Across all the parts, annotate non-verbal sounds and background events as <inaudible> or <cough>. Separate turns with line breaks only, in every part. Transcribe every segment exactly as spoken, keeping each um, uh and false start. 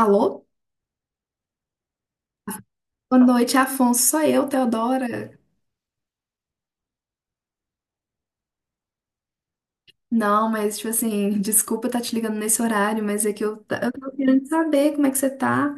Alô? Boa noite, Afonso. Sou eu, Teodora. Não, mas, tipo assim, <laughs> desculpa estar te ligando nesse horário, mas é que eu, ta- eu tô querendo saber como é que você tá.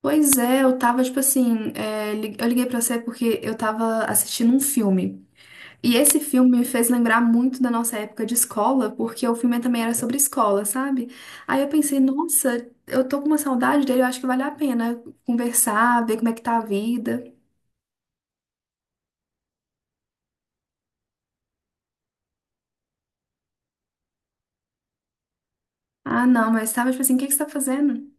Pois é, eu tava, tipo assim, é, li- eu liguei pra você porque eu tava assistindo um filme. E esse filme me fez lembrar muito da nossa época de escola, porque o filme também era sobre escola, sabe? Aí eu pensei, nossa, eu tô com uma saudade dele, eu acho que vale a pena conversar, ver como é que tá a vida. Ah, não, mas tava, tipo assim, o que que você tá fazendo?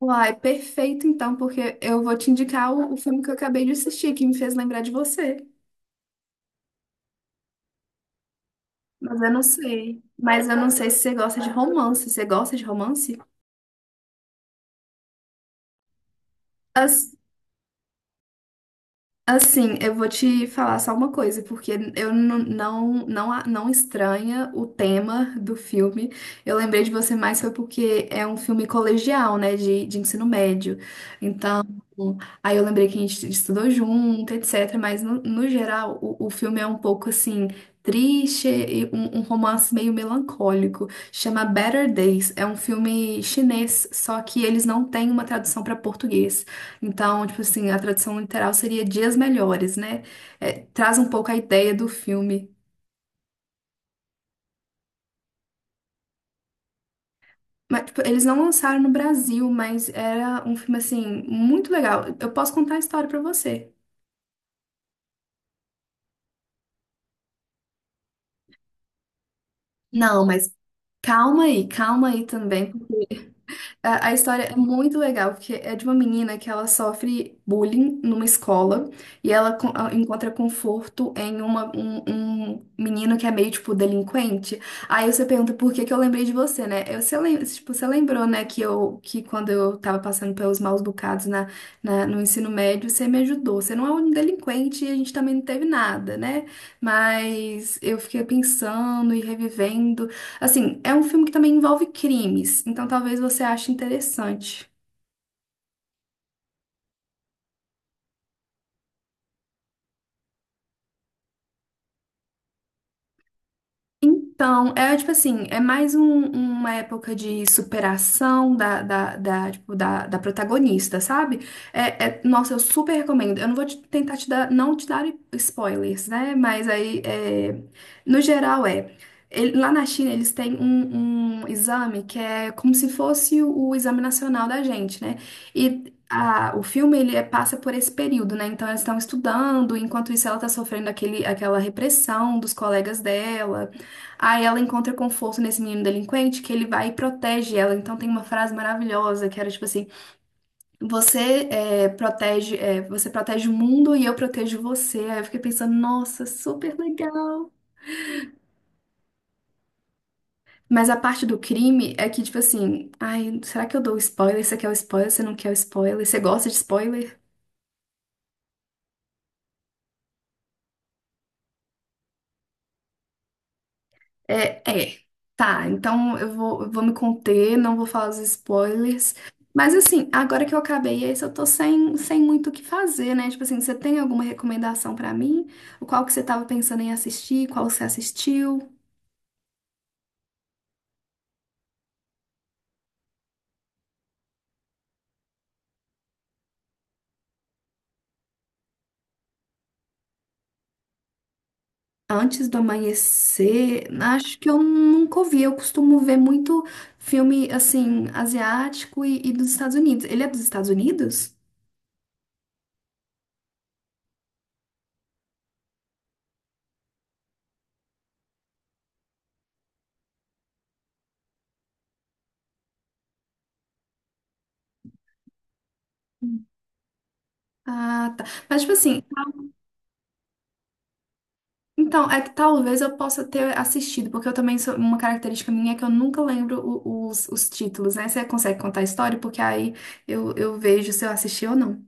Uai, perfeito então, porque eu vou te indicar o, o filme que eu acabei de assistir, que me fez lembrar de você. Mas eu não sei. Mas eu não sei se você gosta de romance. Você gosta de romance? Assim, eu vou te falar só uma coisa, porque eu não, não, não, a- não estranha o tema do filme. Eu lembrei de você mais foi porque é um filme colegial, né, de, de ensino médio. Então, aí eu lembrei que a gente estudou junto, etcétera. Mas, no, no geral, o, o filme é um pouco assim. Triste e um, um romance meio melancólico. Chama Better Days. É um filme chinês, só que eles não têm uma tradução para português. Então, tipo assim, a tradução literal seria Dias Melhores, né? É, traz um pouco a ideia do filme. Mas, tipo, eles não lançaram no Brasil, mas era um filme, assim, muito legal. Eu posso contar a história pra você. Não, mas calma aí, calma aí também. A, a história é muito legal, porque é de uma menina que ela sofre bullying numa escola e ela co- a- encontra conforto em uma, um, um menino que é meio, tipo, delinquente. Aí você pergunta por que que eu lembrei de você, né? Eu, você, lem- tipo, você lembrou, né, que eu que quando eu tava passando pelos maus bocados na, na- no ensino médio, você me ajudou. Você não é um delinquente e a gente também não teve nada, né? Mas eu fiquei pensando e revivendo. Assim, é um filme que também envolve crimes, então talvez você ache interessante. Então, é tipo assim, é mais um- uma época de superação da, da, da, tipo, da, da protagonista, sabe? É, é- nossa, eu super recomendo. Eu não vou te- tentar te dar, não te dar spoilers, né? Mas aí, é, no geral, é. Ele- lá na China, eles têm um, um exame que é como se fosse o, o exame nacional da gente, né? E a- o filme, ele é- passa por esse período, né? Então, eles estão estudando, enquanto isso, ela tá sofrendo aquele, aquela repressão dos colegas dela. Aí ela encontra conforto nesse menino delinquente que ele vai e protege ela. Então tem uma frase maravilhosa que era tipo assim: Você é, protege, é, você protege o mundo e eu protejo você. Aí eu fiquei pensando, nossa, super legal. Mas a parte do crime é que, tipo assim, ai, será que eu dou spoiler? Você quer o spoiler? Você não quer o spoiler? Você gosta de spoiler? É, é. Tá, então eu vou, eu vou me conter, não vou falar os spoilers. Mas assim, agora que eu acabei esse, eu tô sem, sem muito o que fazer, né? Tipo assim, você tem alguma recomendação pra mim? O Qual que você tava pensando em assistir? Qual você assistiu? Antes do amanhecer? Acho que eu nunca ouvi. Eu costumo ver muito filme, assim, asiático e, e dos Estados Unidos. Ele é dos Estados Unidos? Ah, tá. Mas, tipo assim, então, é que talvez eu possa ter assistido, porque eu também sou uma característica minha é que eu nunca lembro o- os, os títulos, né? Você consegue contar a história? Porque aí eu, eu vejo se eu assisti ou não.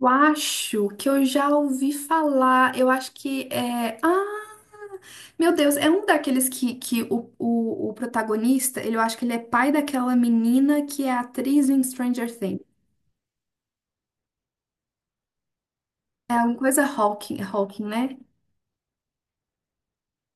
Eu acho que eu já ouvi falar. Eu acho que é. Ah, meu Deus, é um daqueles que, que o, o, o protagonista, ele, eu acho que ele é pai daquela menina que é atriz em Stranger Things. É alguma coisa Hawking, Hawking, né?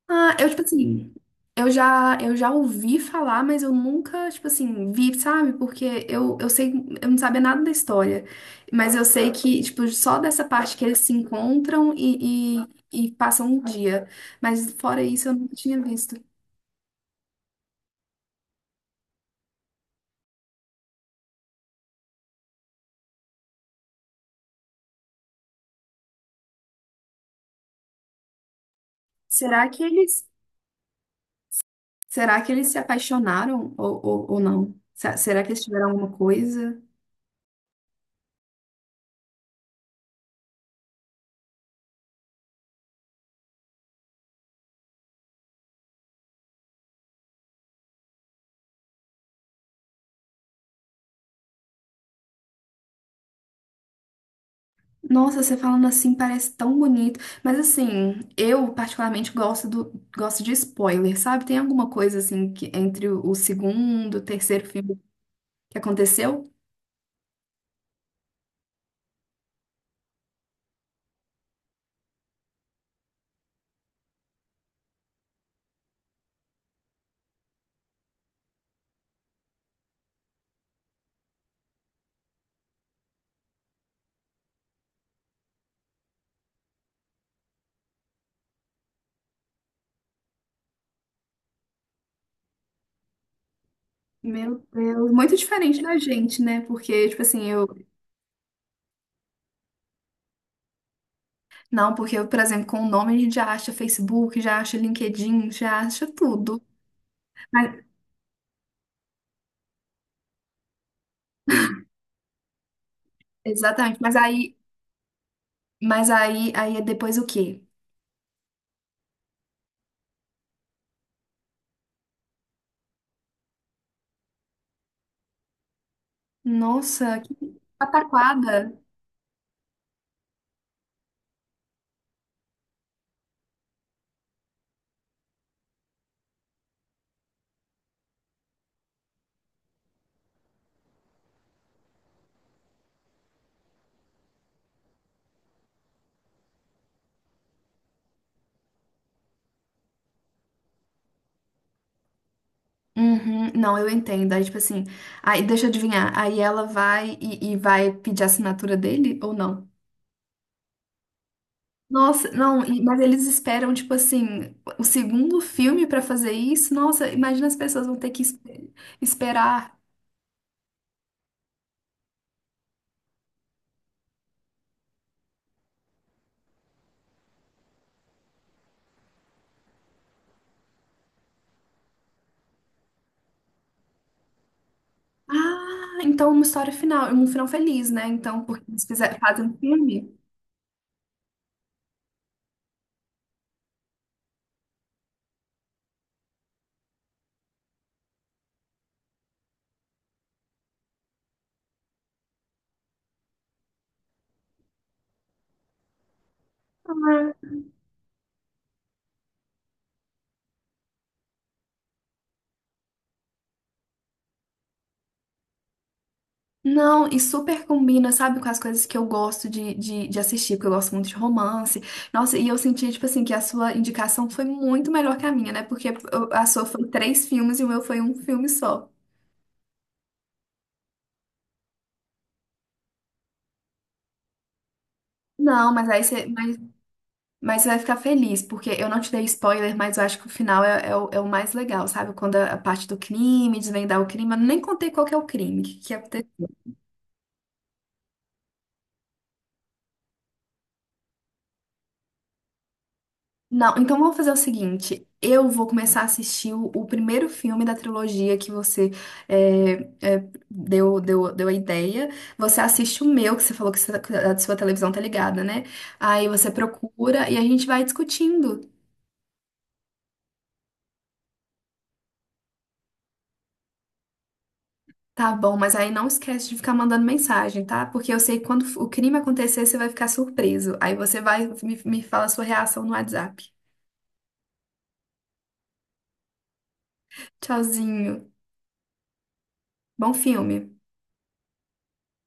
Ah, eu, tipo assim, eu já, eu já ouvi falar, mas eu nunca, tipo assim, vi, sabe? Porque eu, eu sei, eu não sabia nada da história. Mas eu sei que, tipo, só dessa parte que eles se encontram e, e, e passam um dia. Mas fora isso, eu nunca tinha visto. Será que eles, será que eles se apaixonaram ou, ou, ou não? Se- Será que eles tiveram alguma coisa? Nossa, você falando assim parece tão bonito. Mas assim, eu particularmente gosto do, gosto de spoiler, sabe? Tem alguma coisa assim que entre o, o segundo, o terceiro filme que aconteceu? Meu Deus, muito diferente da gente, né? Porque, tipo assim, eu. Não, porque eu, por exemplo, com o nome a gente já acha Facebook, já acha LinkedIn, já acha tudo. Mas- exatamente. Mas aí, mas aí, aí é depois o quê? Nossa, que pataquada. Uhum, não, eu entendo. Aí, tipo assim, aí deixa eu adivinhar. Aí ela vai e, e vai pedir a assinatura dele ou não? Nossa, não, e- mas eles esperam, tipo assim, o segundo filme pra fazer isso. Nossa, imagina as pessoas vão ter que es- esperar. Ah, então uma história final, um final feliz, né? Então, porque eles fizeram, fazem um filme. Não, e super combina, sabe, com as coisas que eu gosto de, de, de assistir, porque eu gosto muito de romance. Nossa, e eu senti, tipo assim, que a sua indicação foi muito melhor que a minha, né? Porque eu- a sua foi três filmes e o meu foi um filme só. Não, mas aí você, mas, mas você vai ficar feliz, porque eu não te dei spoiler, mas eu acho que o final é, é o, é o mais legal, sabe? Quando a, a parte do crime, desvendar o crime, eu nem contei qual que é o crime, o que que aconteceu. Não, então vamos fazer o seguinte: eu vou começar a assistir o, o primeiro filme da trilogia que você é, é, deu, deu, deu a ideia. Você assiste o meu, que você falou que, você- que a sua televisão tá ligada, né? Aí você procura e a gente vai discutindo, tá bom? Mas aí não esquece de ficar mandando mensagem, tá? Porque eu sei que quando o crime acontecer, você vai ficar surpreso. Aí você vai me, me fala a sua reação no WhatsApp. Tchauzinho. Bom filme.